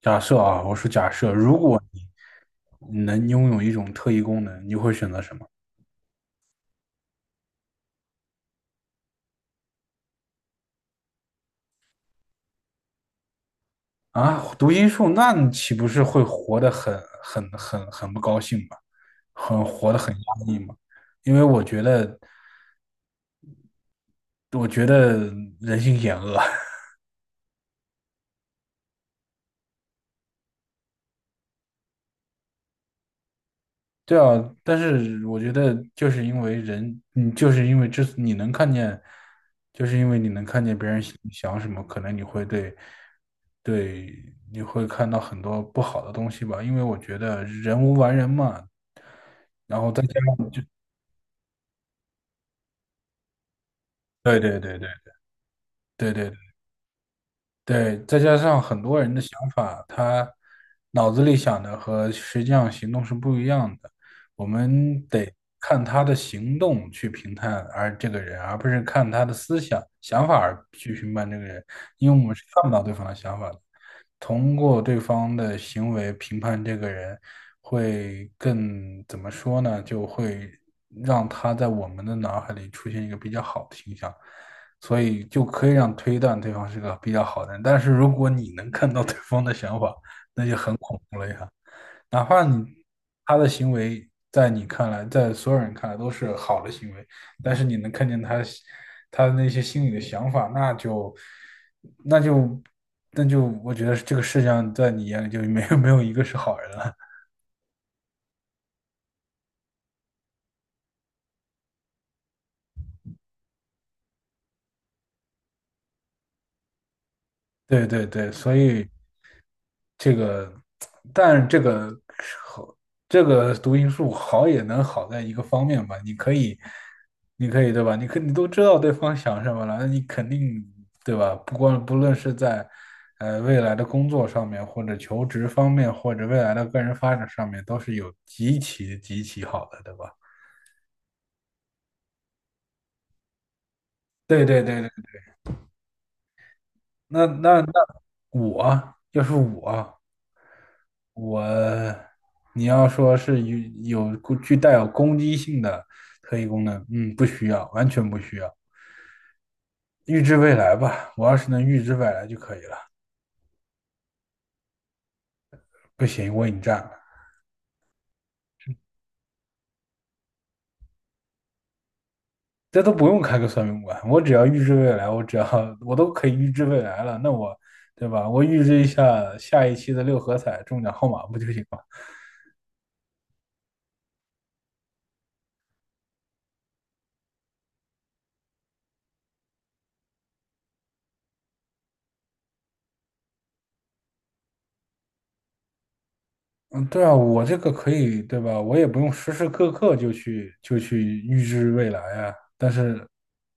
假设啊，我说假设，如果你能拥有一种特异功能，你会选择什么啊？读心术，那你岂不是会活得很不高兴吗？活得很压抑吗？因为我觉得，人性险恶。对啊，但是我觉得就是因为人，你就是因为你能看见，就是因为你能看见别人想什么，可能你会看到很多不好的东西吧，因为我觉得人无完人嘛，然后再加上对对对对对对对，再加上很多人的想法，他脑子里想的和实际上行动是不一样的。我们得看他的行动去评判而这个人，而不是看他的思想想法而去评判这个人，因为我们是看不到对方的想法的。通过对方的行为评判这个人，会更怎么说呢？就会让他在我们的脑海里出现一个比较好的形象。所以就可以让推断对方是个比较好的人。但是如果你能看到对方的想法，哪怕他的行为在你看来，在所有人看来都是好的行为，但是你能看见他的那些心里的想法，那就那就我觉得这个世界上在你眼里就没有一个是好人了。对对对，所以这个，但这个好，这个读心术好也能好在一个方面吧，你可以，对吧？你都知道对方想什么了，那你肯定对吧？不论是在未来的工作上面，或者求职方面，或者未来的个人发展上面，都是有极其极其好的，对吧？对对对对，那我要是我，我你要说是有具带有攻击性的特异功能，嗯，不需要，完全不需要。预知未来吧，我要是能预知未来就可以了。不行，我已经占了，这都不用开个算命馆，我只要预知未来，我只要我都可以预知未来了，对吧？我预知一下下一期的六合彩中奖号码不就行了？嗯，对啊，我这个可以，对吧？我也不用时时刻刻就去预知未来啊，但是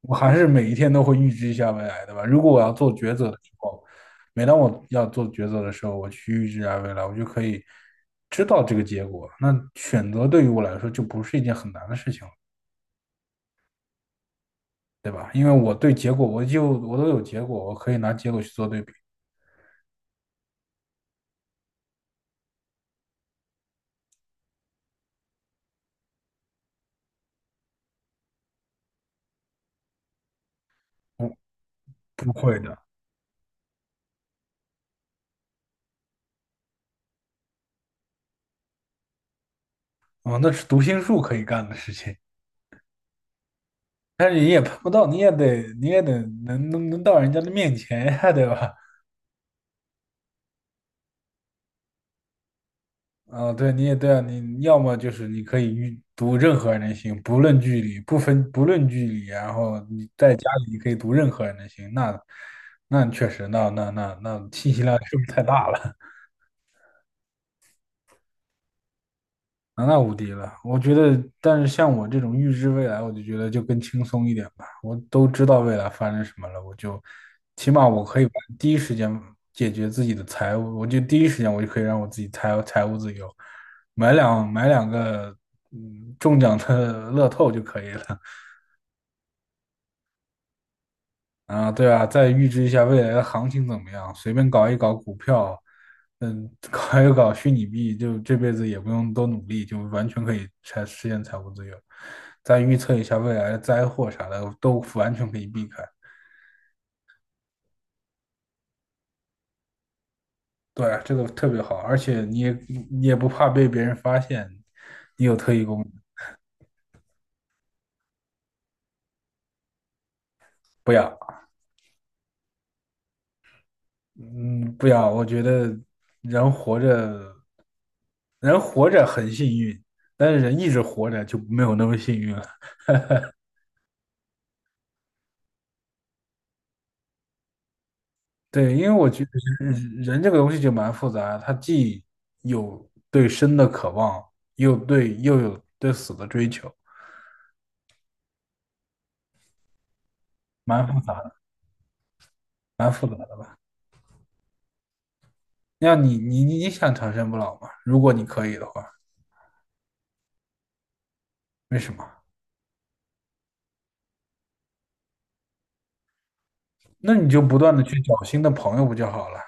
我还是每一天都会预知一下未来，对吧？如果我要做抉择的时候，每当我要做抉择的时候，我去预知一下未来，我就可以知道这个结果。那选择对于我来说就不是一件很难的事情了，对吧？因为我对结果，我都有结果，我可以拿结果去做对比。不，不会的，啊，那是读心术可以干的事情。但是你也碰不到，你也得能到人家的面前呀，对吧？啊、对，你也对啊，你要么就是你可以读任何人的心，不论距离，不论距离，然后你在家里你可以读任何人的心，那确实，那信息量是不是太大了？那无敌了，我觉得，但是像我这种预知未来，我就觉得就更轻松一点吧。我都知道未来发生什么了，我就起码我可以第一时间解决自己的财务，我就第一时间我就可以让我自己财务自由，买两个中奖的乐透就可以了。啊，对啊，再预知一下未来的行情怎么样，随便搞一搞股票，嗯，搞一搞虚拟币，就这辈子也不用多努力，就完全可以实现财务自由。再预测一下未来的灾祸啥的，都完全可以避开。对啊这个特别好，而且你也不怕被别人发现你有特异功能。不要，嗯，不要，我觉得人活着，人活着很幸运，但是人一直活着就没有那么幸运了。对，因为我觉得人这个东西就蛮复杂它既有对生的渴望，又有对死的追求，蛮复杂的，蛮复杂的。你想长生不老吗？如果你可以的话，为什么？那你就不断的去找新的朋友不就好了？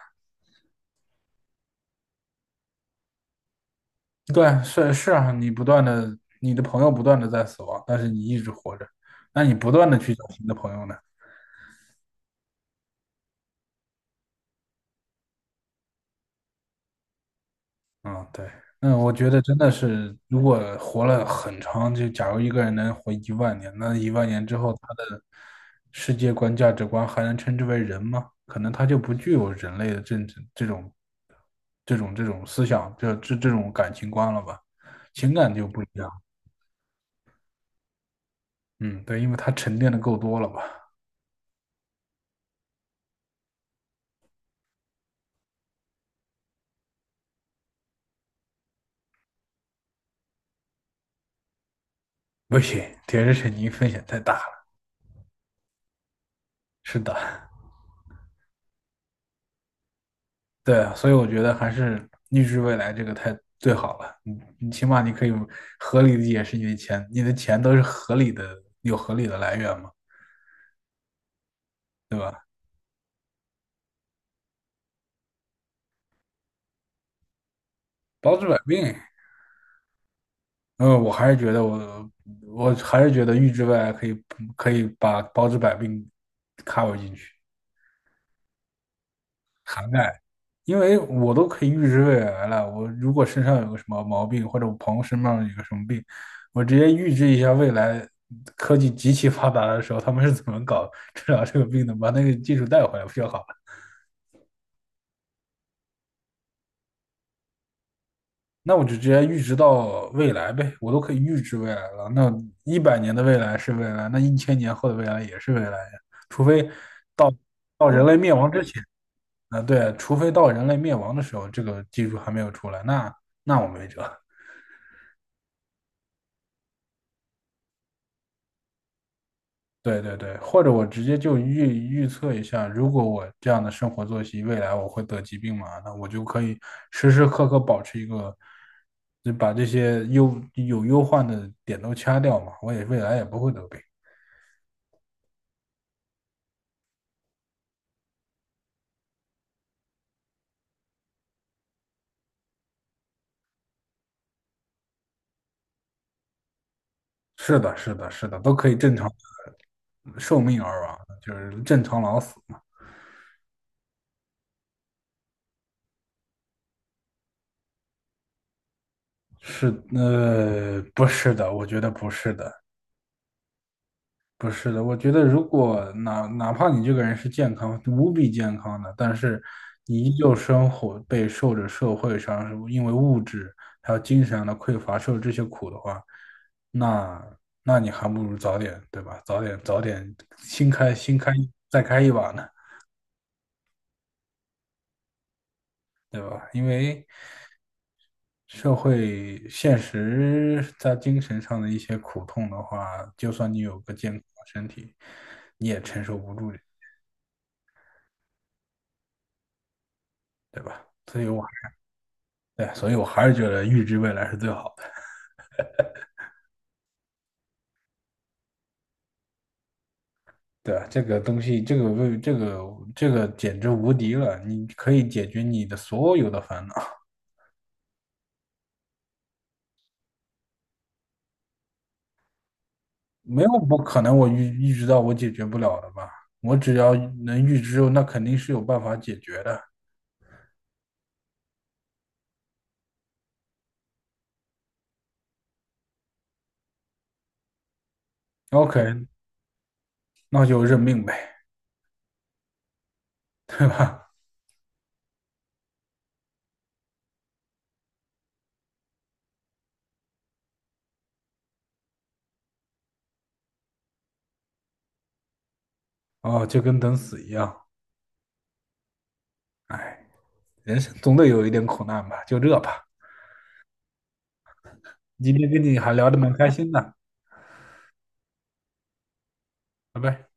对啊，是是啊，你不断的，你的朋友不断的在死亡，但是你一直活着，那你不断的去找新的朋友呢？嗯，对，那我觉得真的是，如果活了很长，就假如一个人能活一万年，那一万年之后，他的世界观、价值观还能称之为人吗？可能他就不具有人类的这种、这种思想，这种感情观了吧？情感就不一样。嗯，对，因为他沉淀的够多了吧？不行，铁石肯尼风险太大了。是的。对啊，所以我觉得还是预知未来这个太最好了。你起码你可以合理的解释你的钱，你的钱都是合理的，有合理的来源嘛，包治百病。嗯，我还是觉得预知未来可以把包治百病 cover 进去。涵盖，因为我都可以预知未来了。我如果身上有个什么毛病，或者我朋友身上有个什么病，我直接预知一下未来科技极其发达的时候，他们是怎么搞治疗这个病的，把那个技术带回来不就好了？那我就直接预知到未来呗，我都可以预知未来了。那100年的未来是未来，那1000年后的未来也是未来呀，除非到到人类灭亡之前，啊，对，除非到人类灭亡的时候，这个技术还没有出来，那我没辙。对对对，或者我直接就预测一下，如果我这样的生活作息，未来我会得疾病嘛？那我就可以时时刻刻保持一个，就把这些忧患的点都掐掉嘛，我也未来也不会得病。是的，是的，是的，都可以正常寿命而亡就是正常老死嘛。是，不是的，我觉得不是的。不是的，我觉得如果哪怕你这个人是健康，无比健康的，但是你依旧生活备受着社会上因为物质还有精神上的匮乏受这些苦的话，那那你还不如早点，对吧？早点新开新开再开一把呢，对吧？因为社会现实在精神上的一些苦痛的话，就算你有个健康的身体，你也承受不住，对吧？所以我。对，所以我还是觉得预知未来是最好的。对，这个东西，这个为这个这个简直无敌了！你可以解决你的所有的烦恼，没有不可能我预知到我解决不了的吧？我只要能预知，那肯定是有办法解决的。OK，那就认命呗，对吧？哦，就跟等死一样。哎，人生总得有一点苦难吧，就这吧。今天跟你还聊得蛮开心的，拜拜。